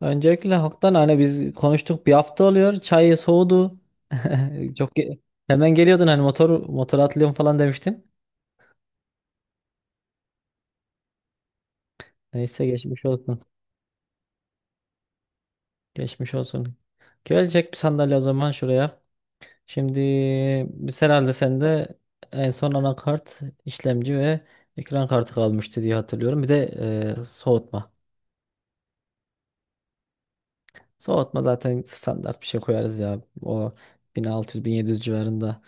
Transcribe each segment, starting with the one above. Öncelikle halktan hani biz konuştuk bir hafta oluyor. Çay soğudu. Çok ge- hemen geliyordun hani motor motor atlıyorum falan demiştin. Neyse geçmiş olsun. Geçmiş olsun. Gelecek bir sandalye o zaman şuraya. Şimdi biz herhalde sende en son anakart, işlemci ve ekran kartı kalmıştı diye hatırlıyorum. Bir de soğutma. Soğutma zaten standart bir şey koyarız ya. O bin, bin altı yüz, bin yedi yüz civarında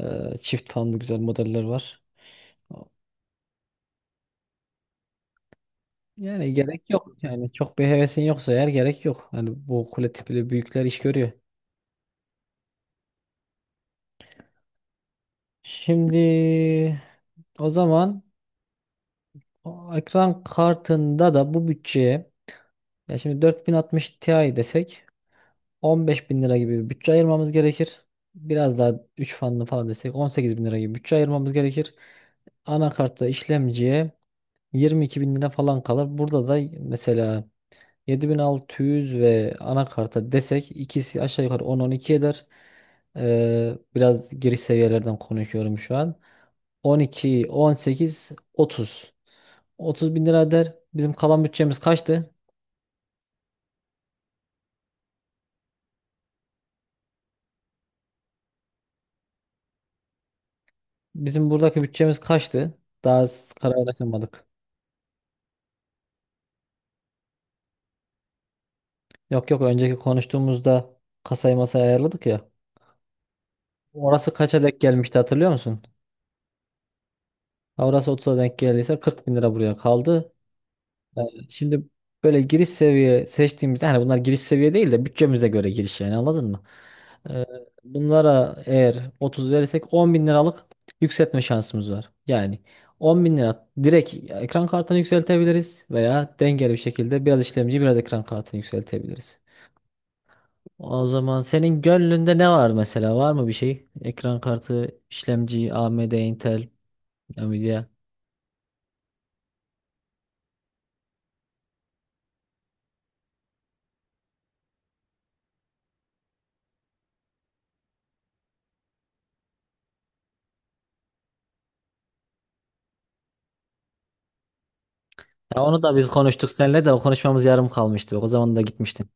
çift fanlı güzel modeller var. Yani gerek yok. Yani çok bir hevesin yoksa eğer gerek yok. Hani bu kule tipli büyükler iş görüyor. Şimdi o zaman o ekran kartında da bu bütçeye, ya şimdi 4060 Ti desek 15 bin lira gibi bir bütçe ayırmamız gerekir. Biraz daha 3 fanlı falan desek 18 bin lira gibi bütçe ayırmamız gerekir. Anakartta işlemciye 22 bin lira falan kalır. Burada da mesela 7600 ve anakarta desek ikisi aşağı yukarı 10-12 eder. Biraz giriş seviyelerden konuşuyorum şu an. 12, 18, 30. 30 bin lira eder. Bizim kalan bütçemiz kaçtı? Bizim buradaki bütçemiz kaçtı? Daha kararlaşamadık. Yok, yok, önceki konuştuğumuzda kasayı masaya ayarladık ya. Orası kaça denk gelmişti hatırlıyor musun? Ha, orası 30'a denk geldiyse 40 bin lira buraya kaldı. Ee, Şimdi böyle giriş seviye seçtiğimizde hani bunlar giriş seviye değil de bütçemize göre giriş, yani anladın mı? Ee, Bunlara eğer 30 verirsek 10 bin liralık yükseltme şansımız var. Yani 10 bin lira direkt ekran kartını yükseltebiliriz veya dengeli bir şekilde biraz işlemci, biraz ekran kartını yükseltebiliriz. O zaman senin gönlünde ne var mesela? Var mı bir şey? Ekran kartı, işlemci, AMD, Intel, Nvidia. Ya onu da biz konuştuk seninle, de o konuşmamız yarım kalmıştı. O zaman da gitmiştin.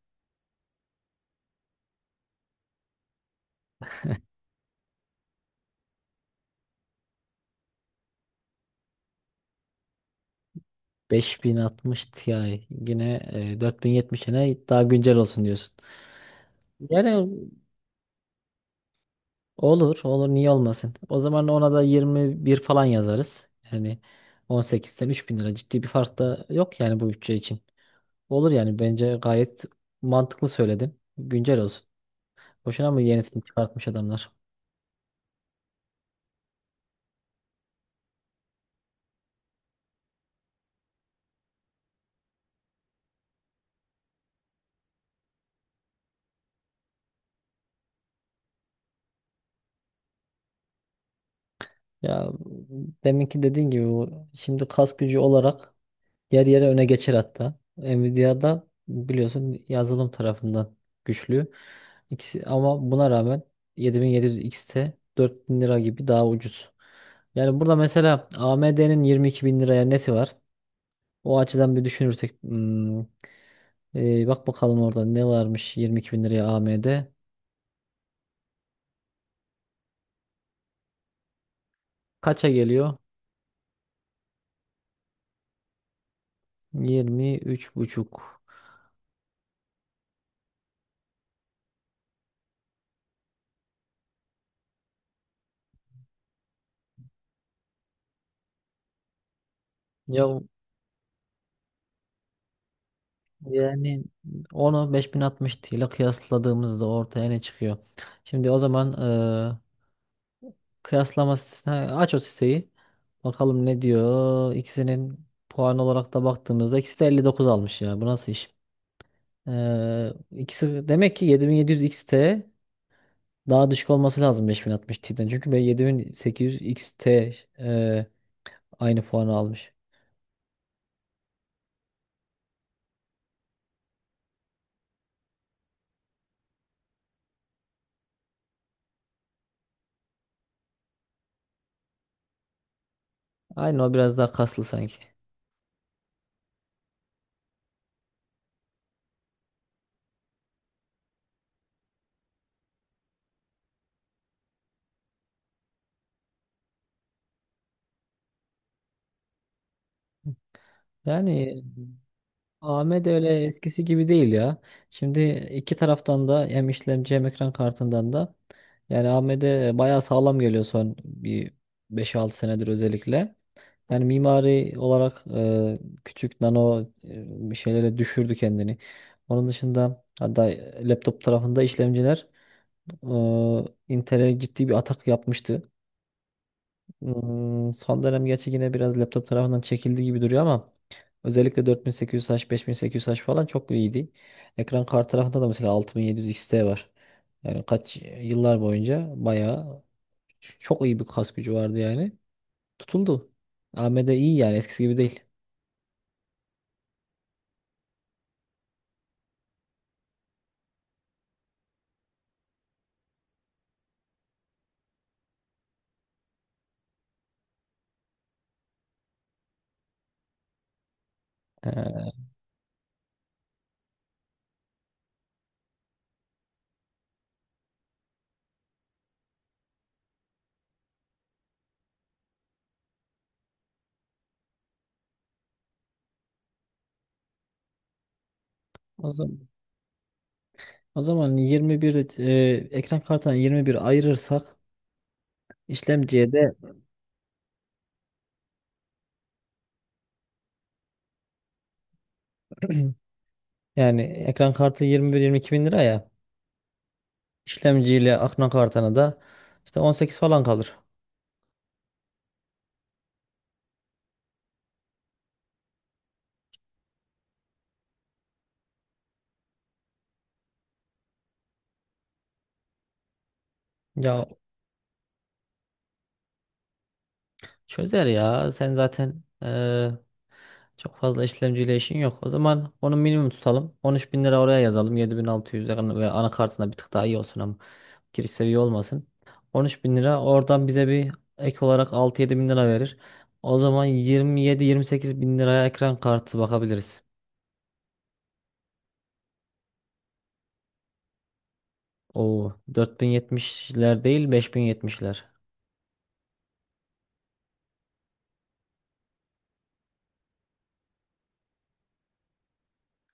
5060 Ti yine 4070'ine daha güncel olsun diyorsun. Yani olur olur niye olmasın. O zaman ona da 21 falan yazarız. Yani 18'den 3000 lira ciddi bir fark da yok yani bu bütçe için. Olur yani bence gayet mantıklı söyledin. Güncel olsun. Boşuna mı yenisini çıkartmış adamlar? Ya deminki dediğin gibi bu şimdi kas gücü olarak yer yere öne geçer hatta. Nvidia'da biliyorsun yazılım tarafından güçlü. İkisi ama buna rağmen 7700 X'te 4000 lira gibi daha ucuz. Yani burada mesela AMD'nin 22 bin liraya nesi var? O açıdan bir düşünürsek bak bakalım orada ne varmış 22 bin liraya AMD. Kaça geliyor? 23 buçuk. Ya yani onu 5060 Ti ile kıyasladığımızda ortaya ne çıkıyor? Şimdi o zaman kıyaslama sitesine aç o siteyi. Bakalım ne diyor. İkisinin puan olarak da baktığımızda ikisi de 59 almış ya. Bu nasıl iş? İkisi demek ki 7700 XT daha düşük olması lazım 5060 Ti'den. Çünkü ben 7800 XT e, aynı puanı almış. Aynı, o biraz daha kaslı sanki. Yani Ahmet öyle eskisi gibi değil ya. Şimdi iki taraftan da hem işlemci hem ekran kartından da yani AMD bayağı sağlam geliyor son bir 5-6 senedir özellikle. Yani mimari olarak küçük nano bir şeylere düşürdü kendini. Onun dışında hatta laptop tarafında işlemciler e, Intel'e ciddi bir atak yapmıştı. Son dönem gerçi yine biraz laptop tarafından çekildi gibi duruyor ama özellikle 4800H, 5800H falan çok iyiydi. Ekran kart tarafında da mesela 6700 XT var. Yani kaç yıllar boyunca bayağı çok iyi bir kas gücü vardı yani. Tutuldu. AMD iyi yani eskisi gibi değil. Ee, o zaman o zaman 21, ekran kartına 21 ayırırsak işlemciye de yani ekran kartı 21-22 bin lira, ya işlemciyle ekran kartına da işte 18 falan kalır. Ya çözer ya. Sen zaten çok fazla işlemciyle işin yok. O zaman onu minimum tutalım. 13 bin lira oraya yazalım. 7600 lira ve anakartına bir tık daha iyi olsun ama giriş seviye olmasın. 13 bin lira oradan bize bir ek olarak 6-7 bin lira verir. O zaman 27-28 bin liraya ekran kartı bakabiliriz. O 4070'ler değil, 5070'ler.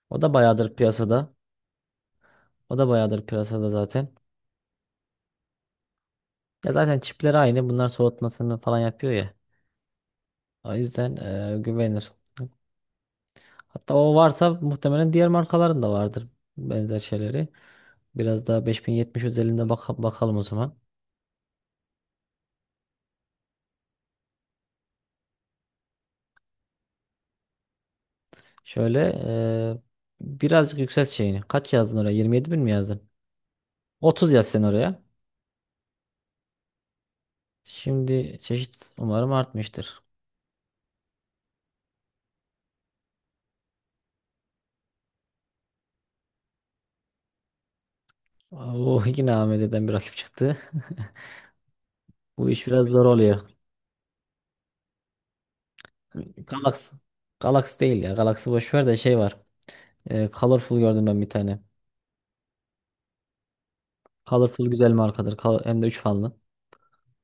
O da bayağıdır piyasada. O da bayağıdır piyasada zaten. Ya zaten çipleri aynı. Bunlar soğutmasını falan yapıyor ya. O yüzden güvenir. Hatta o varsa muhtemelen diğer markaların da vardır, benzer şeyleri. Biraz daha 5070 özelinde bakalım o zaman. Şöyle e, birazcık yükselt şeyini. Kaç yazdın oraya? 27 bin mi yazdın? 30 yaz sen oraya. Şimdi çeşit umarım artmıştır. Oo, yine AMD'den bir rakip çıktı. Bu iş biraz zor oluyor. Galaxy. Galaxy değil ya. Galaxy boş ver de şey var. Colorful gördüm ben bir tane. Colorful güzel markadır. Hem de 3 fanlı.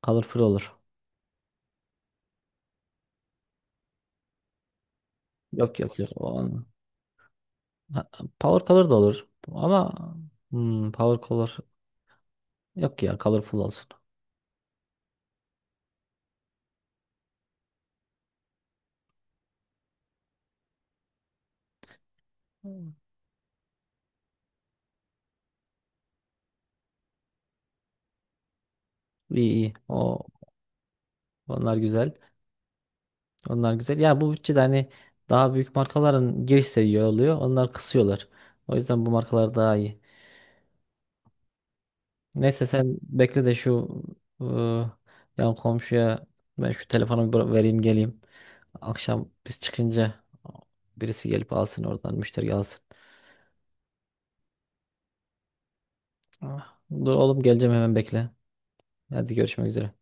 Colorful olur. Yok, yok, yok. O olma. Ha, Power Color da olur. Ama Power Color yok, ya Colorful olsun. Hmm. İyi, iyi. Onlar güzel. Onlar güzel. Ya bu bütçede hani daha büyük markaların giriş seviye oluyor. Onlar kısıyorlar. O yüzden bu markalar daha iyi. Neyse sen bekle de şu ıı, yan komşuya ben şu telefonu bir vereyim geleyim. Akşam biz çıkınca birisi gelip alsın, oradan müşteri alsın. Ah. Dur oğlum, geleceğim hemen bekle. Hadi, görüşmek üzere.